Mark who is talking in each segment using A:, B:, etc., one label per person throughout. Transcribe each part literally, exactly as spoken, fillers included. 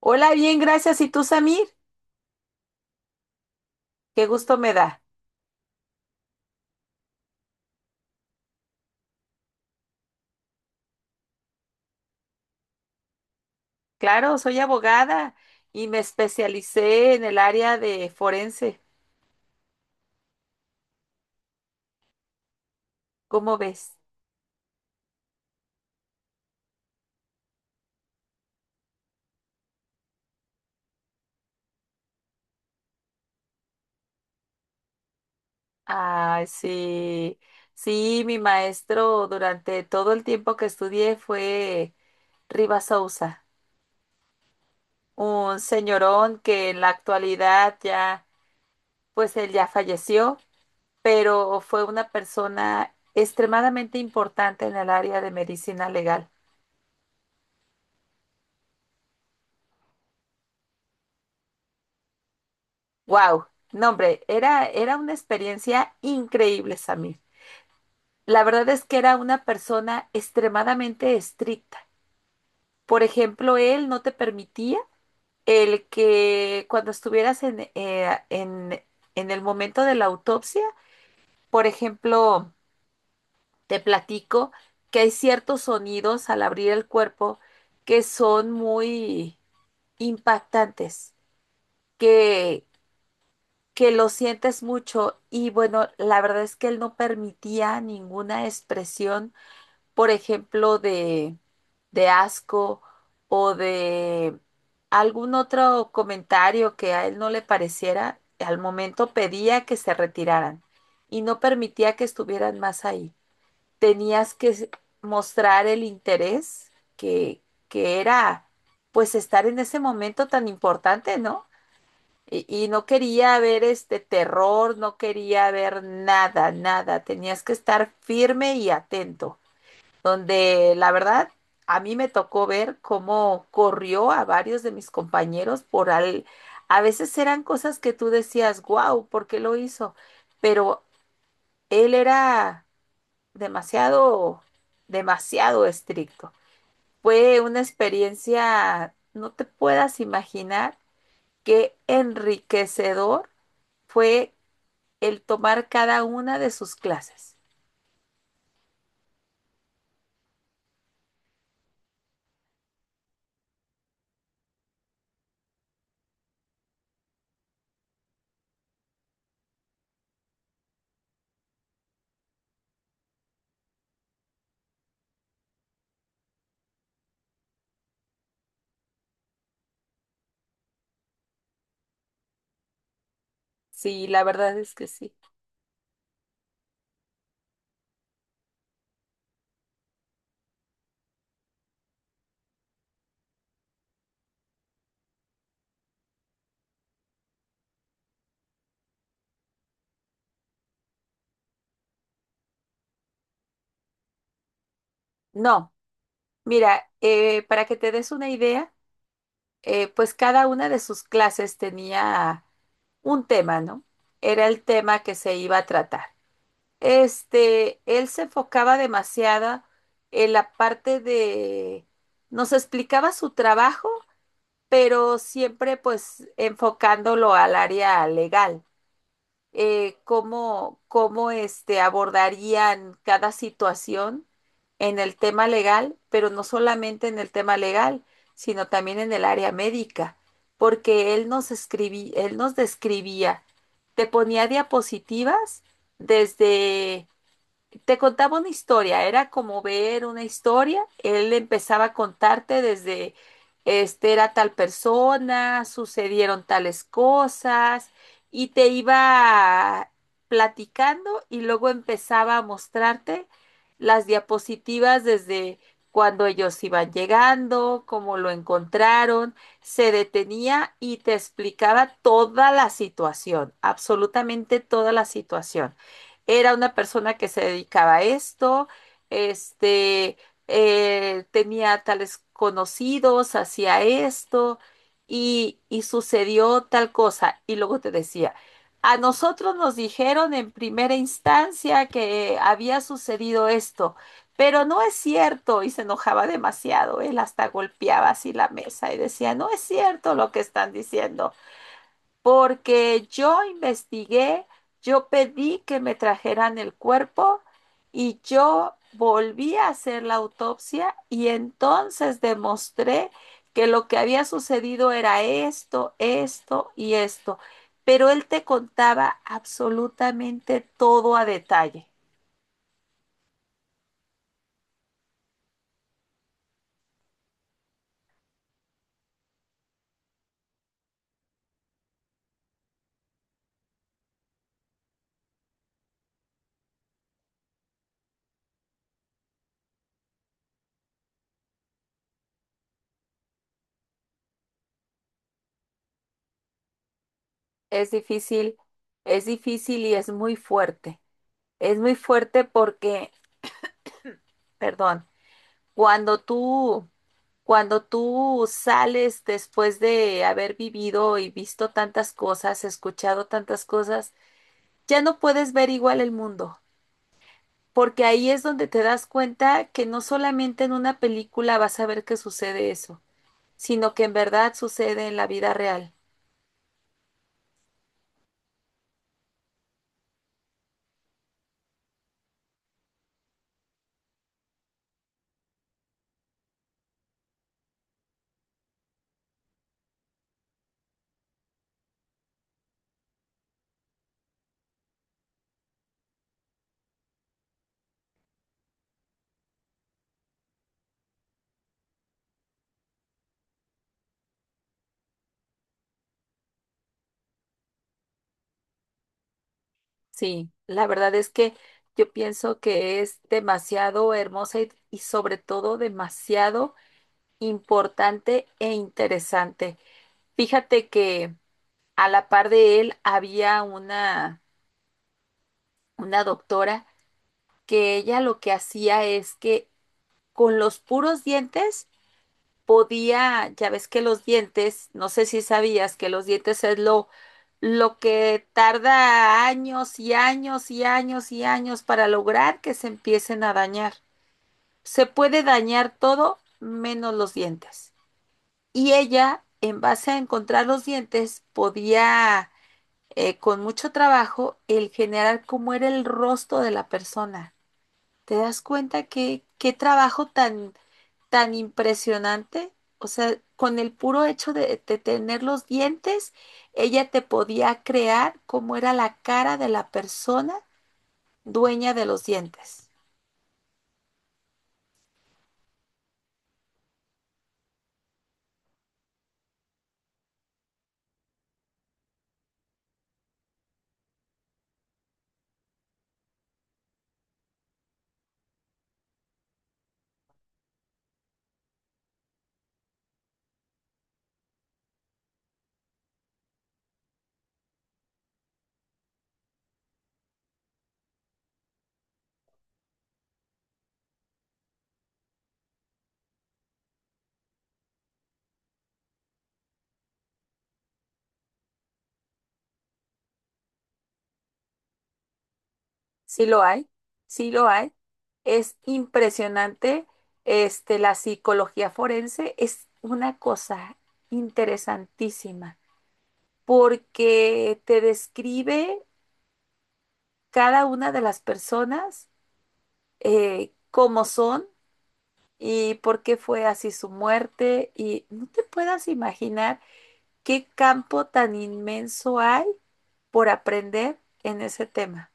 A: Hola, bien, gracias. ¿Y tú, Samir? Qué gusto me da. Claro, soy abogada y me especialicé en el área de forense. ¿Cómo ves? Ah, sí. Sí, mi maestro durante todo el tiempo que estudié fue Rivas Sousa, un señorón que en la actualidad ya, pues él ya falleció, pero fue una persona extremadamente importante en el área de medicina legal. Wow, no hombre, era, era una experiencia increíble, Samir. La verdad es que era una persona extremadamente estricta. Por ejemplo, él no te permitía el que cuando estuvieras en, eh, en, en el momento de la autopsia, por ejemplo, te platico que hay ciertos sonidos al abrir el cuerpo que son muy impactantes, que, que lo sientes mucho y bueno, la verdad es que él no permitía ninguna expresión, por ejemplo, de, de asco o de algún otro comentario que a él no le pareciera, al momento pedía que se retiraran y no permitía que estuvieran más ahí. Tenías que s- mostrar el interés que, que era pues estar en ese momento tan importante, ¿no? Y, y no quería ver este terror, no quería ver nada, nada. Tenías que estar firme y atento. Donde la verdad, a mí me tocó ver cómo corrió a varios de mis compañeros por al... A veces eran cosas que tú decías, wow, ¿por qué lo hizo? Pero él era demasiado, demasiado estricto. Fue una experiencia, no te puedas imaginar, qué enriquecedor fue el tomar cada una de sus clases. Sí, la verdad es que sí. No, mira, eh, para que te des una idea, eh, pues cada una de sus clases tenía un tema, ¿no? Era el tema que se iba a tratar. Este, él se enfocaba demasiado en la parte de, nos explicaba su trabajo, pero siempre pues enfocándolo al área legal. eh, cómo, cómo este, abordarían cada situación en el tema legal, pero no solamente en el tema legal, sino también en el área médica, porque él nos escribí, él nos describía, te ponía diapositivas desde te contaba una historia, era como ver una historia. Él empezaba a contarte desde, este era tal persona, sucedieron tales cosas, y te iba platicando y luego empezaba a mostrarte las diapositivas desde cuando ellos iban llegando, cómo lo encontraron, se detenía y te explicaba toda la situación, absolutamente toda la situación. Era una persona que se dedicaba a esto, este, eh, tenía tales conocidos, hacía esto y, y sucedió tal cosa. Y luego te decía, a nosotros nos dijeron en primera instancia que había sucedido esto, pero no es cierto. Y se enojaba demasiado. Él hasta golpeaba así la mesa y decía, no es cierto lo que están diciendo porque yo investigué, yo pedí que me trajeran el cuerpo y yo volví a hacer la autopsia y entonces demostré que lo que había sucedido era esto, esto y esto. Pero él te contaba absolutamente todo a detalle. Es difícil, es difícil y es muy fuerte. Es muy fuerte porque, perdón, cuando tú Cuando tú sales después de haber vivido y visto tantas cosas, escuchado tantas cosas, ya no puedes ver igual el mundo, porque ahí es donde te das cuenta que no solamente en una película vas a ver que sucede eso, sino que en verdad sucede en la vida real. Sí, la verdad es que yo pienso que es demasiado hermosa y, y sobre todo demasiado importante e interesante. Fíjate que... A la par de él había una, una doctora que ella lo que hacía es que con los puros dientes podía, ya ves que los dientes, no sé si sabías que los dientes es lo, lo que tarda años y años y años y años para lograr que se empiecen a dañar. Se puede dañar todo menos los dientes. Y ella, en base a encontrar los dientes, podía eh, con mucho trabajo el generar cómo era el rostro de la persona. ¿Te das cuenta que qué trabajo tan, tan impresionante? O sea, con el puro hecho de, de tener los dientes, ella te podía crear cómo era la cara de la persona dueña de los dientes. Sí lo hay, sí lo hay. Es impresionante. Este, la psicología forense es una cosa interesantísima. Porque te describe cada una de las personas, eh, cómo son y por qué fue así su muerte. Y no te puedas imaginar qué campo tan inmenso hay por aprender en ese tema.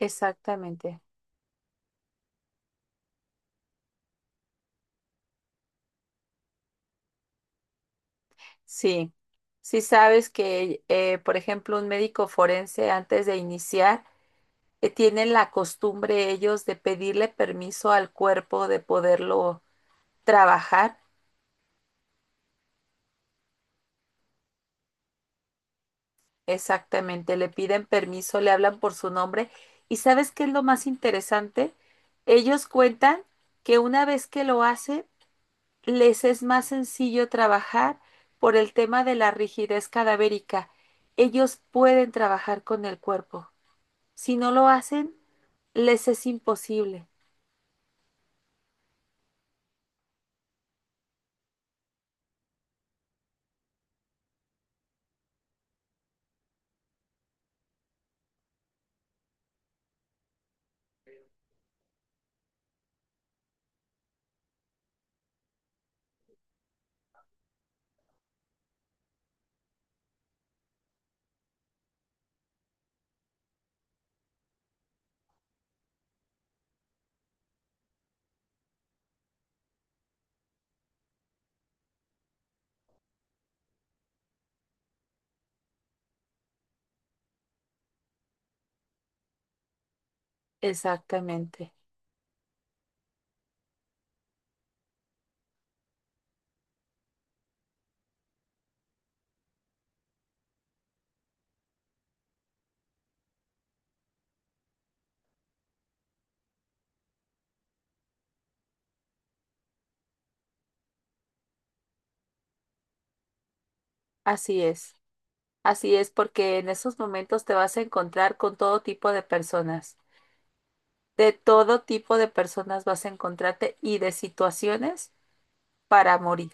A: Exactamente. Sí. Sí sabes que, eh, por ejemplo, un médico forense antes de iniciar, eh, tienen la costumbre ellos de pedirle permiso al cuerpo de poderlo trabajar. Exactamente, le piden permiso, le hablan por su nombre. ¿Y sabes qué es lo más interesante? Ellos cuentan que una vez que lo hacen, les es más sencillo trabajar por el tema de la rigidez cadavérica. Ellos pueden trabajar con el cuerpo. Si no lo hacen, les es imposible. Exactamente, así es. Así es, porque en esos momentos te vas a encontrar con todo tipo de personas. De todo tipo de personas vas a encontrarte y de situaciones para morir.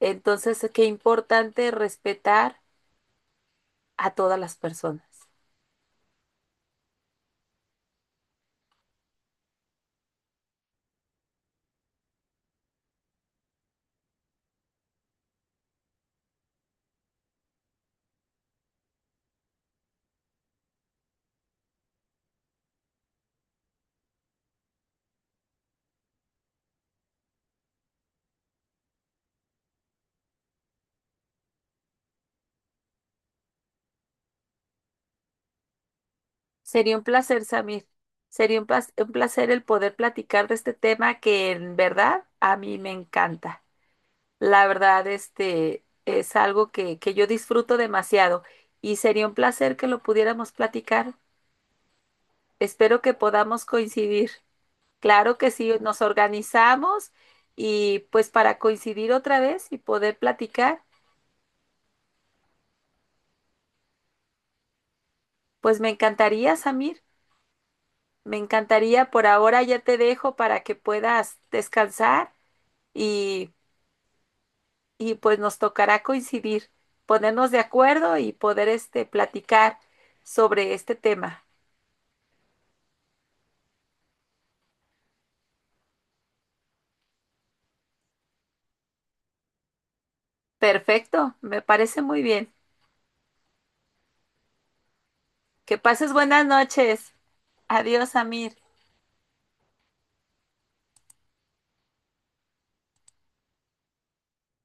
A: Entonces, qué importante respetar a todas las personas. Sería un placer, Samir. Sería un plas- un placer el poder platicar de este tema que en verdad a mí me encanta. La verdad, este es algo que, que yo disfruto demasiado y sería un placer que lo pudiéramos platicar. Espero que podamos coincidir. Claro que sí, nos organizamos y pues para coincidir otra vez y poder platicar, pues me encantaría, Samir, me encantaría. Por ahora ya te dejo para que puedas descansar y, y pues nos tocará coincidir, ponernos de acuerdo y poder este platicar sobre este tema. Perfecto, me parece muy bien. Que pases buenas noches. Adiós, Samir.